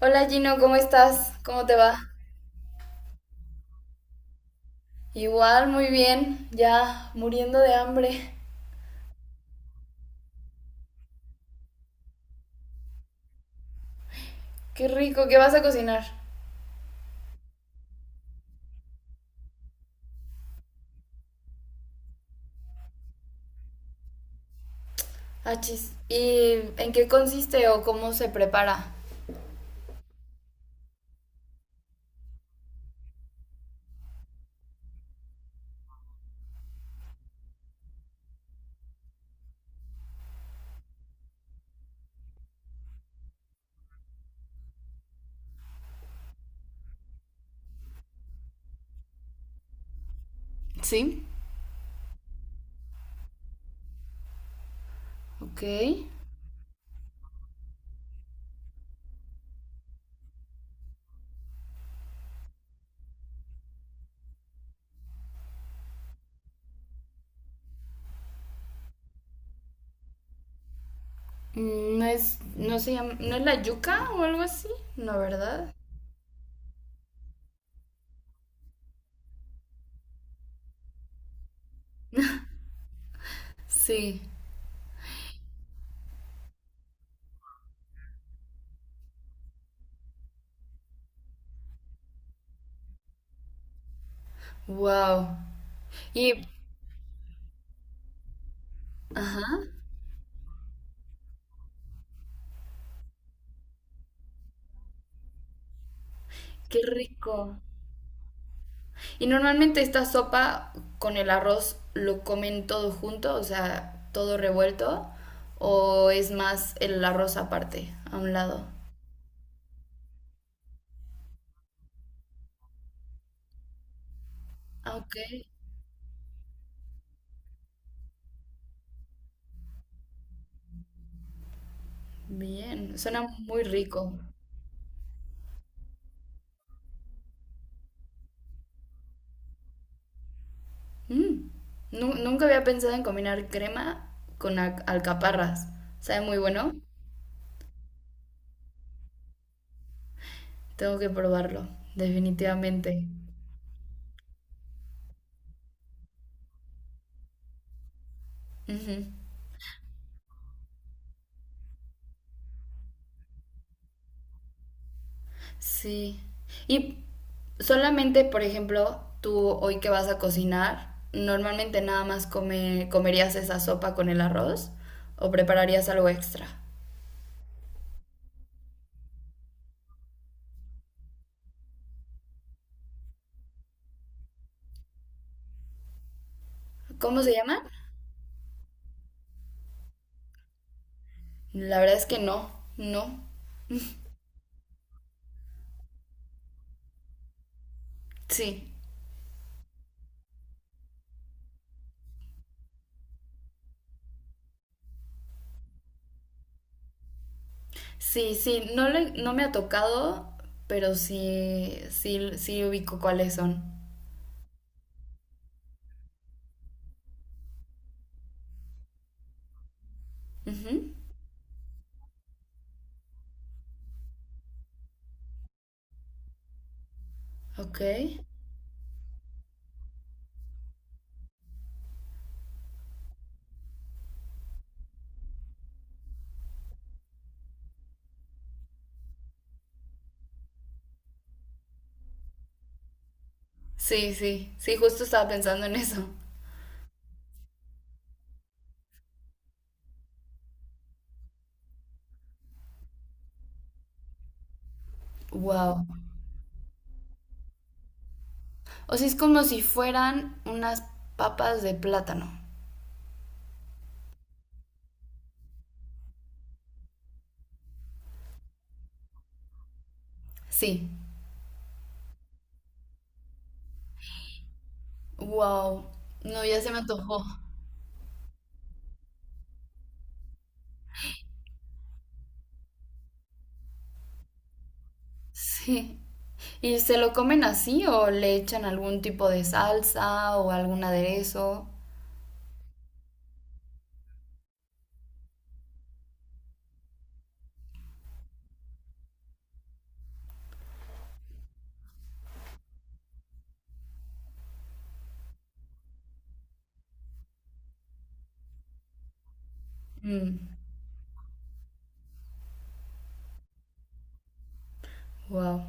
Hola Gino, ¿cómo estás? ¿Cómo te va? Igual, muy bien, ya muriendo de hambre. Qué rico, ¿qué vas a cocinar? Achis. ¿Y en qué consiste o cómo se prepara? Sí, ok. No es, no se llama, ¿no es la yuca o algo así? No, ¿verdad? Sí. Wow. Y ajá. Qué rico. Y normalmente esta sopa con el arroz lo comen todo junto, o sea, todo revuelto, o es más el arroz aparte, a un lado. Ah, ok, bien, suena muy rico. Mm, nunca había pensado en combinar crema con alcaparras. Sabe muy bueno. Tengo que probarlo, definitivamente. Ujú. Sí. Y solamente, por ejemplo, tú hoy que vas a cocinar, normalmente nada más comerías esa sopa con el arroz o prepararías algo extra. ¿Cómo se llama? La verdad es que no, no. Sí, sí, sí, no, no me ha tocado, pero sí, sí, sí ubico cuáles son. Ujú. Ok. Sí, sí, sí, justo estaba pensando en eso. Wow. O sea, es como si fueran unas papas de plátano. Sí. Wow. No, ya se me antojó. Sí. ¿Y se lo comen así o le echan algún tipo de salsa o algún aderezo? Mm, wow.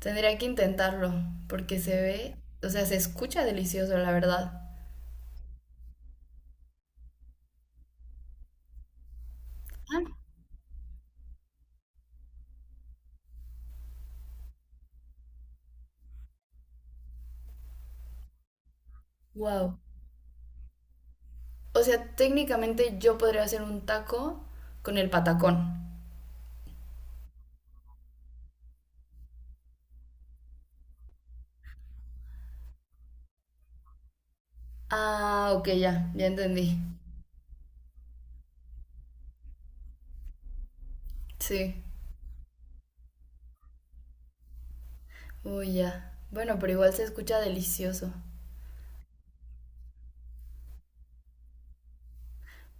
Tendría que intentarlo porque se ve, o sea, se escucha delicioso, la verdad. Ah, wow. O sea, técnicamente yo podría hacer un taco con el patacón. Ah, ok, ya, ya entendí. Sí. Uy, ya. Bueno, pero igual se escucha delicioso.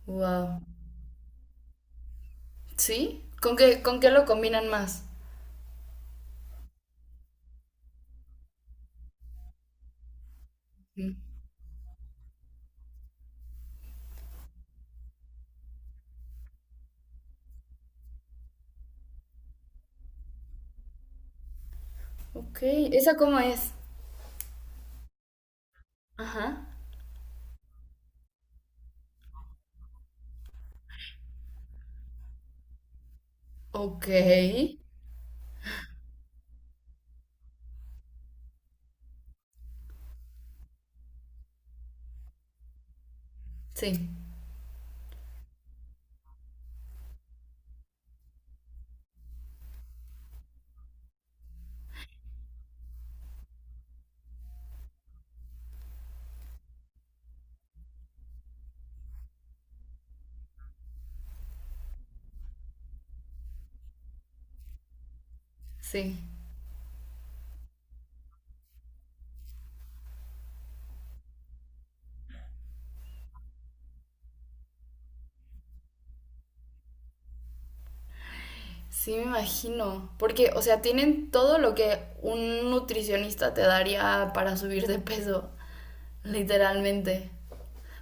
Wow. ¿Sí? Con qué lo combinan más? Mm. Ok, ¿esa cómo es? Ajá. Ok. Sí, sí. Sí, me imagino. Porque, o sea, tienen todo lo que un nutricionista te daría para subir de peso, literalmente.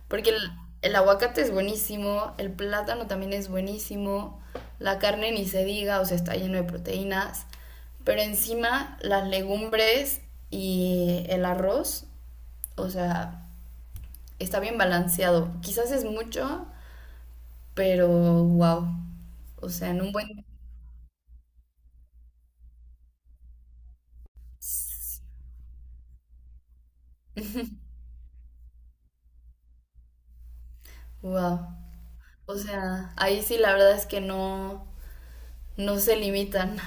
Porque el aguacate es buenísimo, el plátano también es buenísimo, la carne ni se diga, o sea, está lleno de proteínas, pero encima las legumbres y el arroz, o sea, está bien balanceado. Quizás es mucho, pero wow. O sea, en un buen wow. O sea, ahí sí la verdad es que no no se limitan.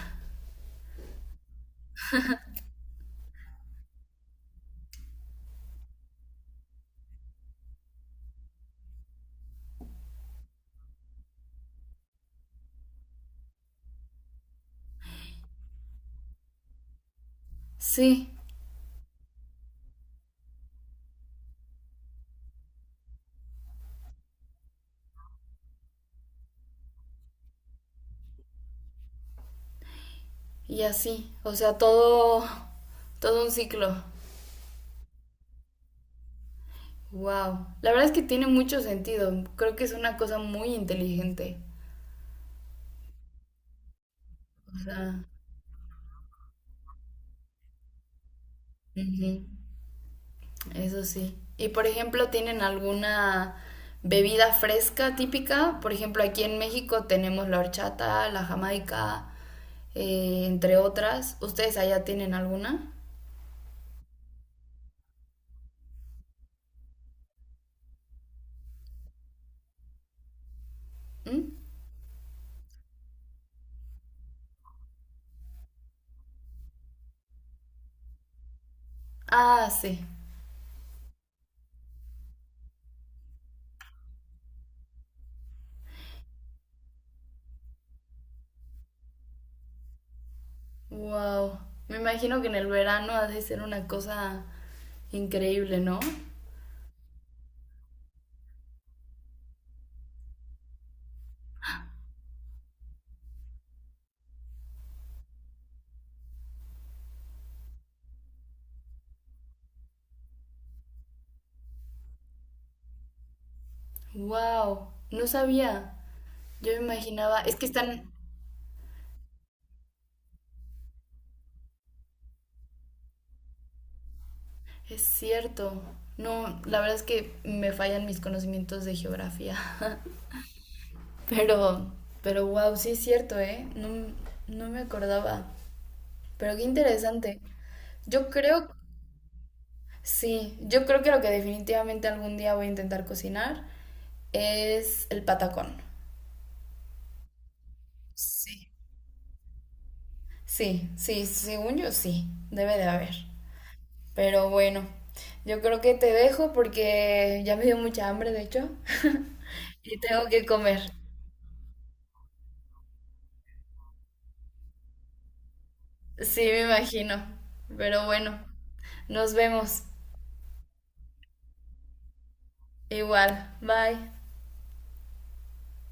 Sí, y así, o sea, todo un ciclo. Wow, la verdad es que tiene mucho sentido. Creo que es una cosa muy inteligente. O sea, ujú, eso sí. Y por ejemplo, ¿tienen alguna bebida fresca típica? Por ejemplo, aquí en México tenemos la horchata, la jamaica, entre otras. ¿Ustedes allá tienen alguna? ¿Mm? Ah, sí. Wow. Me imagino que en el verano ha de ser una cosa increíble, ¿no? Wow, no sabía. Yo me imaginaba, es que están, es cierto. No, la verdad es que me fallan mis conocimientos de geografía. Pero, pero wow, sí es cierto, ¿eh? No, no me acordaba. Pero qué interesante. Yo creo, sí, yo creo que lo que definitivamente algún día voy a intentar cocinar es el patacón. Sí. Sí, sí, según yo sí, debe de haber. Pero bueno, yo creo que te dejo porque ya me dio mucha hambre, de hecho, y tengo que comer. Sí, me imagino. Pero bueno, nos vemos. Igual, bye.